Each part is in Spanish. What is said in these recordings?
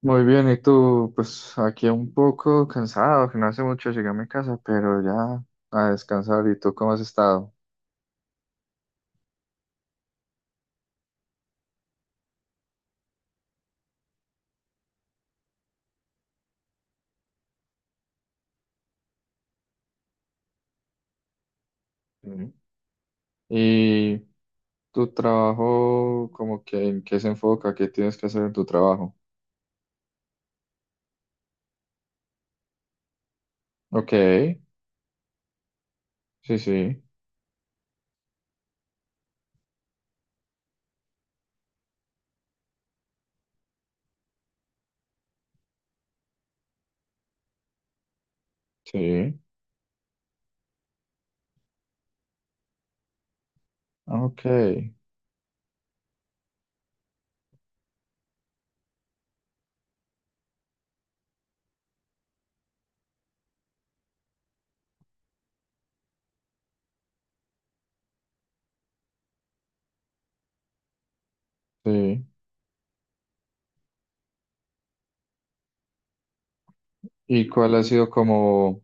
Muy bien, ¿y tú? Pues aquí un poco cansado, que no hace mucho llegué a mi casa, pero ya a descansar. ¿Y tú cómo has estado? Ujú. ¿Y tu trabajo, como que en qué se enfoca? ¿Qué tienes que hacer en tu trabajo? Ok, sí, sí, sí, ok, sí. ¿Y cuál ha sido como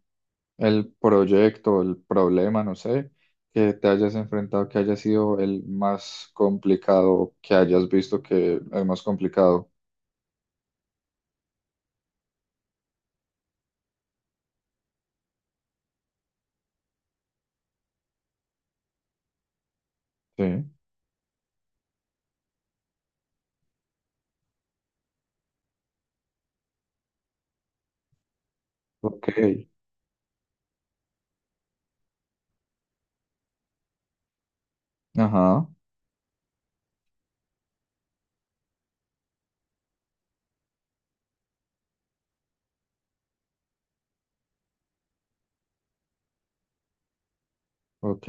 el proyecto, el problema, no sé, que te hayas enfrentado, que haya sido el más complicado, que hayas visto que es más complicado? Sí. Ok, ajá, ok.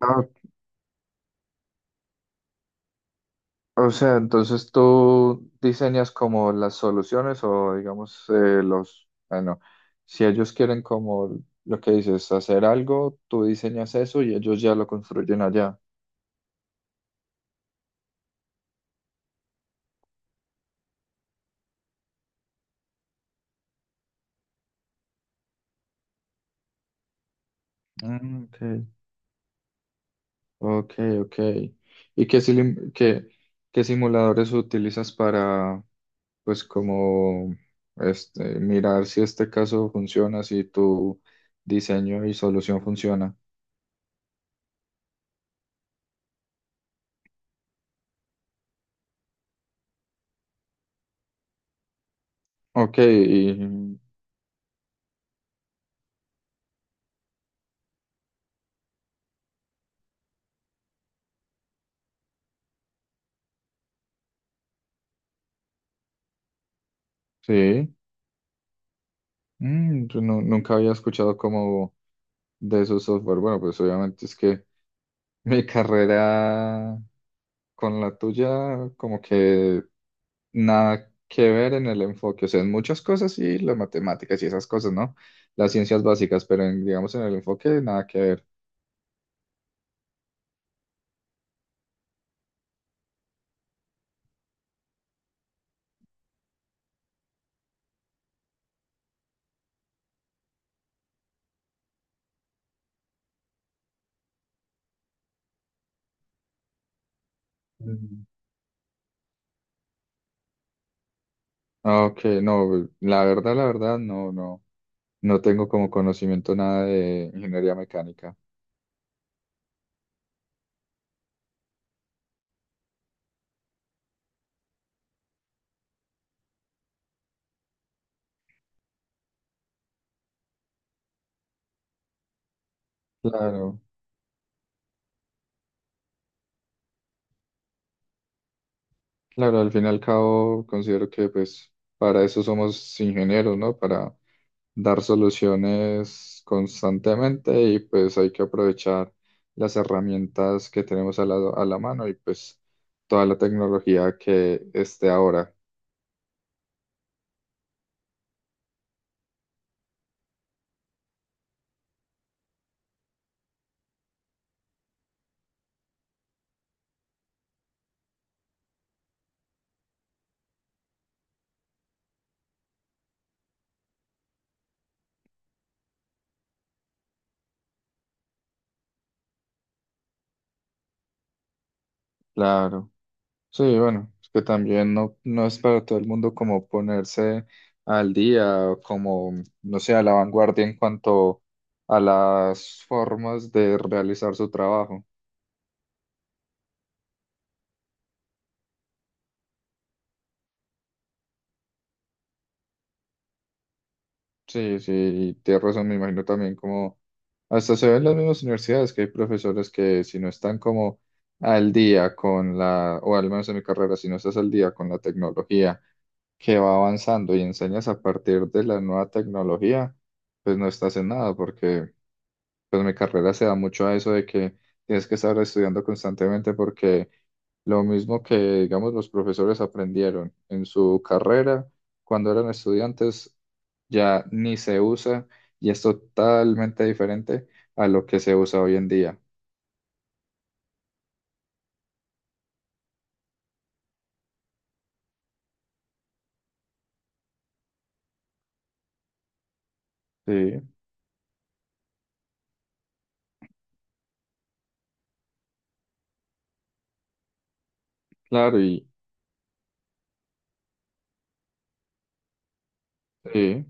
Ah, o sea, entonces tú diseñas como las soluciones o digamos los, bueno, si ellos quieren como lo que dices, hacer algo, tú diseñas eso y ellos ya lo construyen allá. Ah, ok, ok, ok. ¿Y qué, silim- qué, qué simuladores utilizas para, pues, como, este, mirar si este caso funciona, si tu diseño y solución funciona? Ok, y- sí. Mm, yo nu- nunca había escuchado como de esos software. Bueno, pues obviamente es que mi carrera con la tuya, como que nada que ver en el enfoque. O sea, en muchas cosas sí, las matemáticas y esas cosas, ¿no? Las ciencias básicas, pero en, digamos en el enfoque nada que ver. Mm. Ok, no, la verdad, no, no, no tengo como conocimiento nada de ingeniería mecánica. Claro. Claro, al fin y al cabo considero que pues para eso somos ingenieros, ¿no? Para dar soluciones constantemente y pues hay que aprovechar las herramientas que tenemos a la mano y pues toda la tecnología que esté ahora. Claro. Sí, bueno, es que también no, no es para todo el mundo como ponerse al día, como, no sé, a la vanguardia en cuanto a las formas de realizar su trabajo. Sí, sí, tienes razón, me imagino también como hasta se ve en las mismas universidades que hay profesores que si no están como al día con la, o al menos en mi carrera, si no estás al día con la tecnología que va avanzando y enseñas a partir de la nueva tecnología, pues no estás en nada, porque pues mi carrera se da mucho a eso de que tienes que estar estudiando constantemente porque lo mismo que, digamos, los profesores aprendieron en su carrera cuando eran estudiantes, ya ni se usa y es totalmente diferente a lo que se usa hoy en día. Sí, claro, y sí.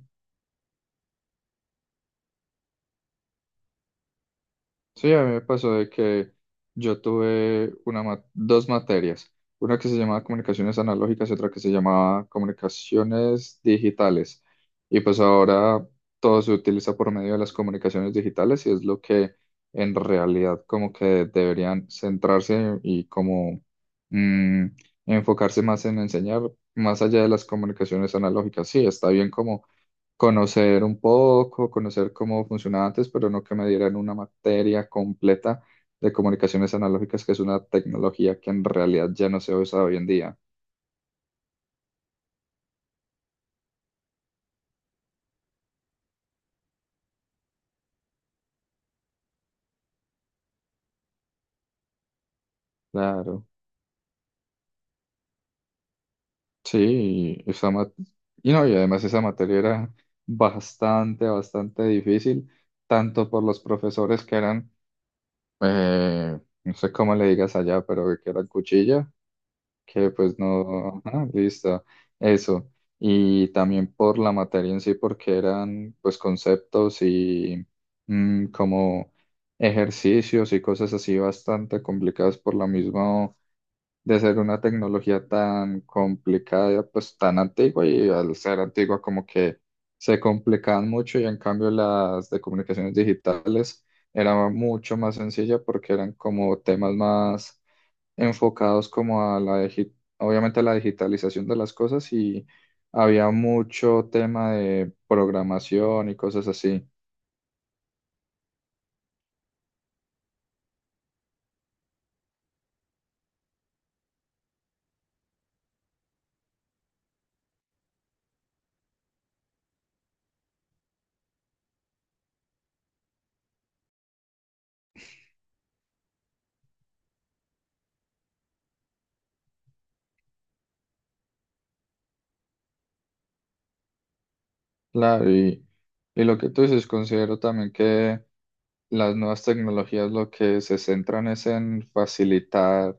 Sí, a mí me pasó de que yo tuve una ma- dos materias, una que se llamaba comunicaciones analógicas y otra que se llamaba comunicaciones digitales. Y pues ahora todo se utiliza por medio de las comunicaciones digitales y es lo que en realidad como que deberían centrarse y como mm, enfocarse más en enseñar más allá de las comunicaciones analógicas. Sí, está bien como conocer un poco, conocer cómo funcionaba antes, pero no que me dieran una materia completa de comunicaciones analógicas, que es una tecnología que en realidad ya no se usa hoy en día. Claro, sí, y esa ma- y no, y además esa materia era bastante, bastante difícil, tanto por los profesores que eran, eh, no sé cómo le digas allá, pero que eran cuchilla, que pues no, ajá, listo, eso. Y también por la materia en sí, porque eran pues conceptos y mm, como ejercicios y cosas así bastante complicadas por lo mismo de ser una tecnología tan complicada, pues tan antigua y al ser antigua como que se complicaban mucho y en cambio las de comunicaciones digitales era mucho más sencilla porque eran como temas más enfocados como a la, digi- obviamente a la digitalización de las cosas y había mucho tema de programación y cosas así. Claro, y lo que tú dices, considero también que las nuevas tecnologías lo que se centran es en facilitar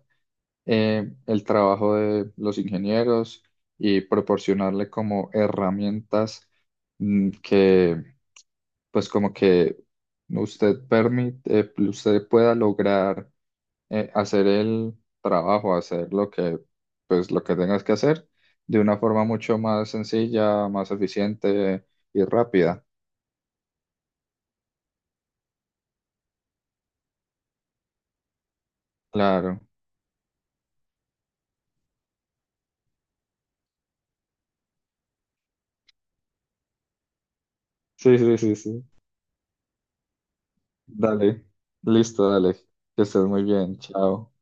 el trabajo de los ingenieros y proporcionarle como herramientas mm, que pues como que usted permite, usted pueda lograr hacer el trabajo, hacer lo que, pues, lo que tengas que hacer de una forma mucho más sencilla, más eficiente y rápida. Claro. Sí, sí, sí, sí. Dale. Listo, dale. Que estés muy bien. Chao.